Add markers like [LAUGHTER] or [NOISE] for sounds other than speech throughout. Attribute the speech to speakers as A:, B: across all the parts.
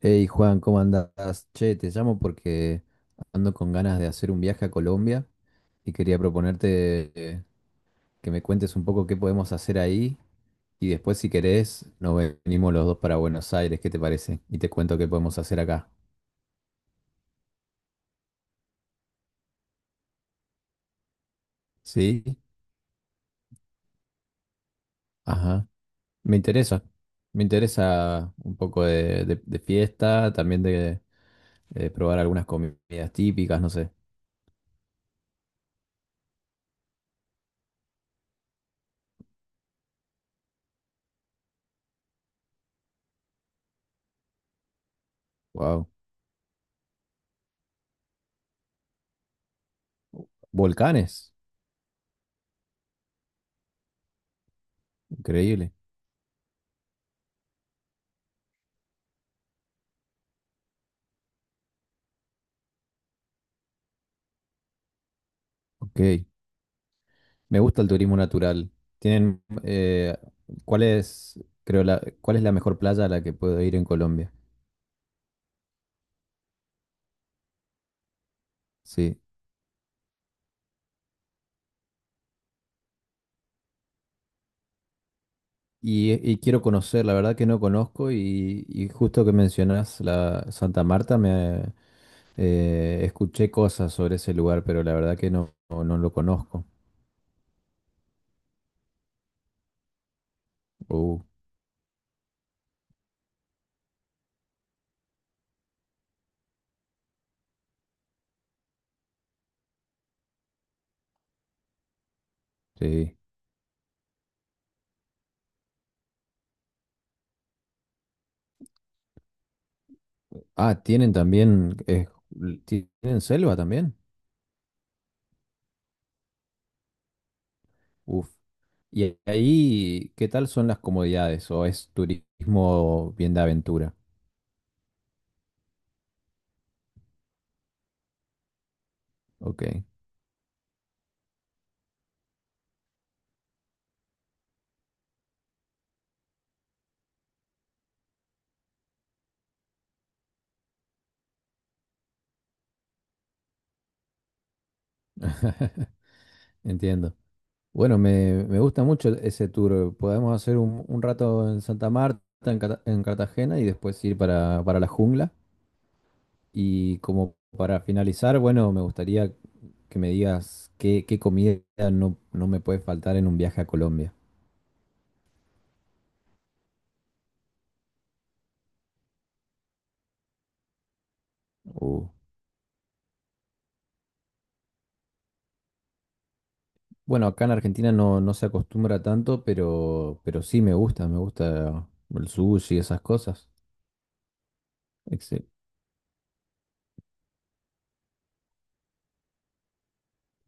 A: Hey Juan, ¿cómo andás? Che, te llamo porque ando con ganas de hacer un viaje a Colombia y quería proponerte que me cuentes un poco qué podemos hacer ahí y después si querés nos venimos los dos para Buenos Aires, ¿qué te parece? Y te cuento qué podemos hacer acá. ¿Sí? Ajá. Me interesa. Me interesa un poco de fiesta, también de probar algunas comidas típicas, no sé. Wow. Volcanes. Increíble. Ok. Me gusta el turismo natural. Tienen, ¿cuál es, creo, cuál es la mejor playa a la que puedo ir en Colombia? Sí. Y quiero conocer, la verdad que no conozco y justo que mencionas la Santa Marta, me escuché cosas sobre ese lugar, pero la verdad que no lo conozco. Uh, sí. Ah, tienen también, tienen selva también. Uf. Y ahí, ¿qué tal son las comodidades? ¿O es turismo bien de aventura? Ok, [LAUGHS] entiendo. Bueno, me gusta mucho ese tour. Podemos hacer un rato en Santa Marta, en, en Cartagena y después ir para la jungla. Y como para finalizar, bueno, me gustaría que me digas qué, qué comida no me puede faltar en un viaje a Colombia. O- bueno, acá en Argentina no se acostumbra tanto, pero sí me gusta el sushi y esas cosas. Excel.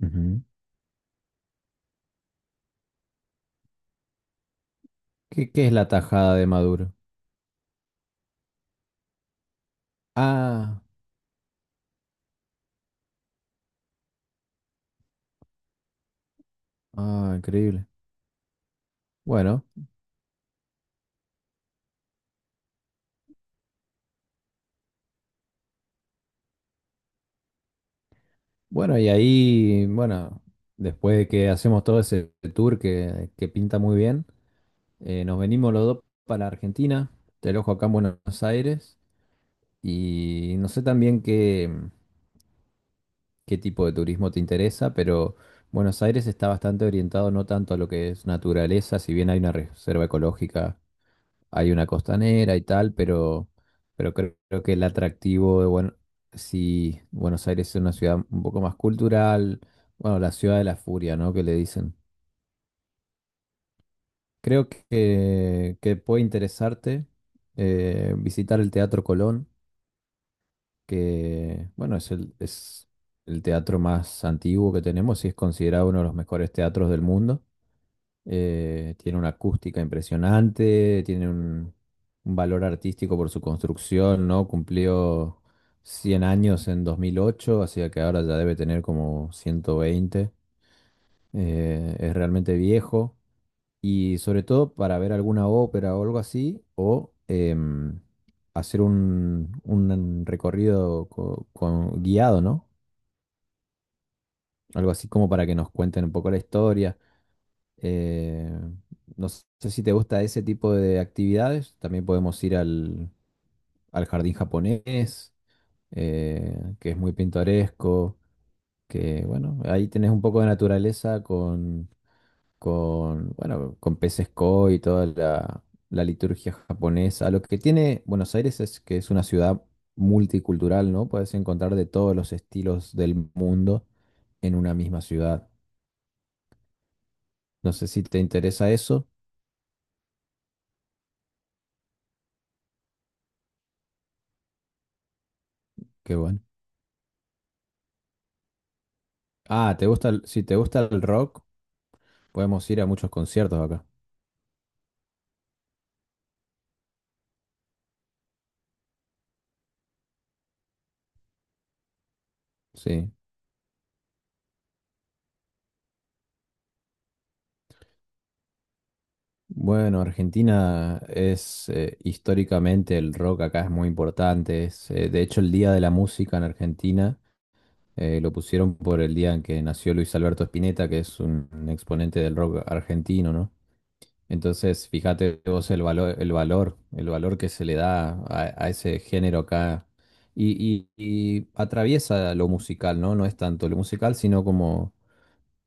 A: Ujú. ¿Qué, qué es la tajada de Maduro? Ah. Ah, increíble. Bueno, bueno, y ahí, bueno, después de que hacemos todo ese tour que pinta muy bien, nos venimos los dos para Argentina, te alojo acá en Buenos Aires, y no sé también qué, qué tipo de turismo te interesa, pero Buenos Aires está bastante orientado no tanto a lo que es naturaleza, si bien hay una reserva ecológica, hay una costanera y tal, pero creo que el atractivo de bueno, si Buenos Aires es una ciudad un poco más cultural, bueno, la ciudad de la furia, ¿no? Que le dicen. Creo que puede interesarte visitar el Teatro Colón, que bueno, es es el teatro más antiguo que tenemos y es considerado uno de los mejores teatros del mundo. Tiene una acústica impresionante, tiene un valor artístico por su construcción, ¿no? Cumplió 100 años en 2008, así que ahora ya debe tener como 120. Es realmente viejo y sobre todo para ver alguna ópera o algo así, o hacer un recorrido guiado, ¿no? Algo así como para que nos cuenten un poco la historia. Eh, no sé si te gusta ese tipo de actividades. También podemos ir al jardín japonés, que es muy pintoresco, que bueno, ahí tenés un poco de naturaleza con, bueno, con peces koi y toda la liturgia japonesa. Lo que tiene Buenos Aires es que es una ciudad multicultural, ¿no? Puedes encontrar de todos los estilos del mundo en una misma ciudad. No sé si te interesa eso, qué bueno. Ah, si te gusta el rock, podemos ir a muchos conciertos acá. Sí. Bueno, Argentina es históricamente el rock acá es muy importante. Es, de hecho, el Día de la Música en Argentina lo pusieron por el día en que nació Luis Alberto Spinetta, que es un exponente del rock argentino, ¿no? Entonces, fíjate vos el valor, el valor, el valor que se le da a ese género acá. Y atraviesa lo musical, ¿no? No es tanto lo musical, sino como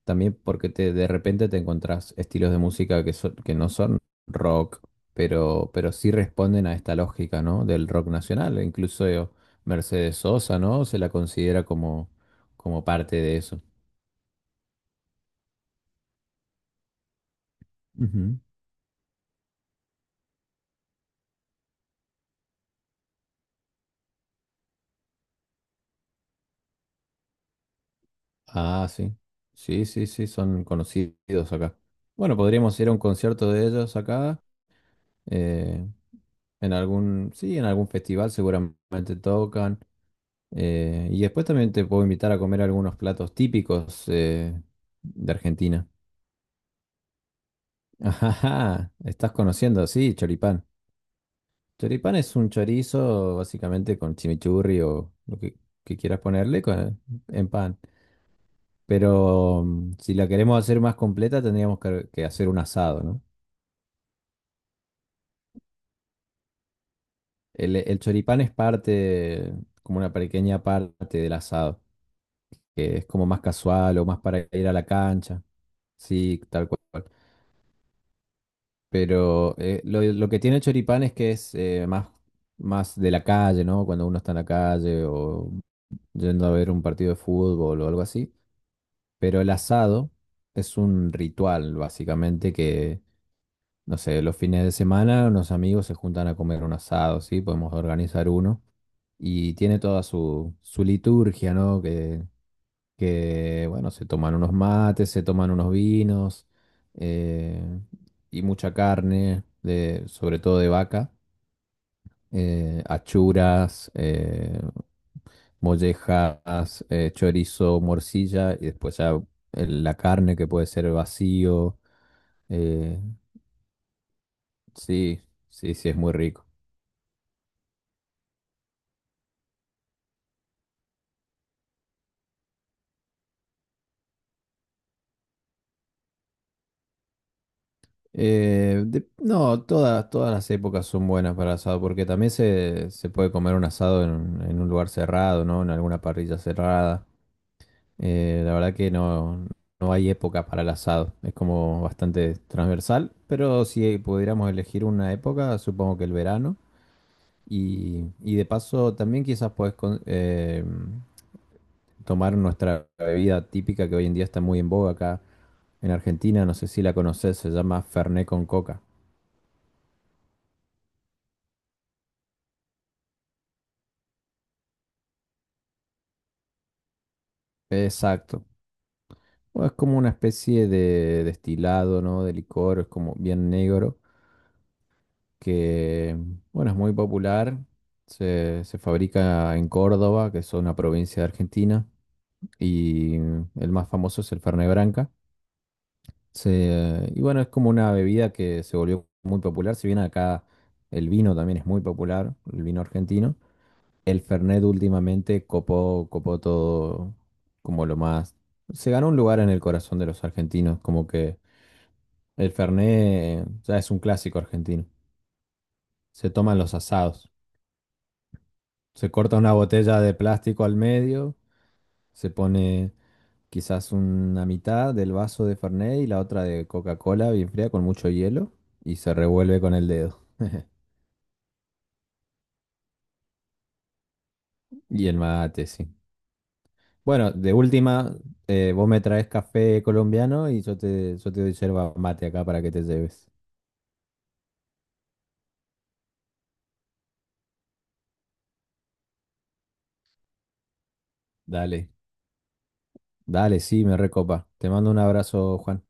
A: también porque te, de repente te encontrás estilos de música que no son rock, pero sí responden a esta lógica, ¿no? Del rock nacional. E incluso, Mercedes Sosa, ¿no? Se la considera como, como parte de eso. Ujú. Ah, sí. Sí, sí, sí, son conocidos acá. Bueno, podríamos ir a un concierto de ellos acá. eh, en algún, sí, en algún festival seguramente tocan. Y después también te puedo invitar a comer algunos platos típicos de Argentina. [LAUGHS] Ajá, estás conociendo, sí, choripán. Choripán es un chorizo básicamente con chimichurri o lo que quieras ponerle en pan. Pero si la queremos hacer más completa tendríamos que hacer un asado, ¿no? El choripán es parte, como una pequeña parte del asado, que es como más casual o más para ir a la cancha. Sí, tal cual. Pero lo que tiene Choripán es que es más de la calle, ¿no? Cuando uno está en la calle o yendo a ver un partido de fútbol o algo así. Pero el asado es un ritual, básicamente, no sé, los fines de semana unos amigos se juntan a comer un asado, ¿sí? Podemos organizar uno. Y tiene toda su liturgia, ¿no? Bueno, se toman unos mates, se toman unos vinos, eh, y mucha carne, de, sobre todo de vaca, achuras, mollejas, chorizo, morcilla y después ya la carne que puede ser vacío. eh, sí, sí, es muy rico. No, todas las épocas son buenas para asado porque también se puede comer un asado en un lugar cerrado, ¿no? En alguna parrilla cerrada. La verdad que no, no hay época para el asado. Es como bastante transversal, pero si pudiéramos elegir una época, supongo que el verano. Y de paso, también quizás podés tomar nuestra bebida típica que hoy en día está muy en boga acá en Argentina. No sé si la conocés, se llama Fernet con coca. Exacto. O es como una especie de destilado, ¿no? De licor, es como bien negro. Que, bueno, es muy popular. Se fabrica en Córdoba, que es una provincia de Argentina, y el más famoso es el Fernet Branca. Y bueno, es como una bebida que se volvió muy popular, si bien acá el vino también es muy popular, el vino argentino. El Fernet últimamente copó todo como lo más... Se ganó un lugar en el corazón de los argentinos, como que el Fernet ya es un clásico argentino. Se toman los asados. Se corta una botella de plástico al medio, se pone quizás una mitad del vaso de Fernet y la otra de Coca-Cola bien fría con mucho hielo y se revuelve con el dedo. [LAUGHS] Y el mate, sí. Bueno, de última, vos me traes café colombiano y yo yo te doy yerba mate acá para que te lleves. Dale, dale, sí, me recopa. Te mando un abrazo, Juan.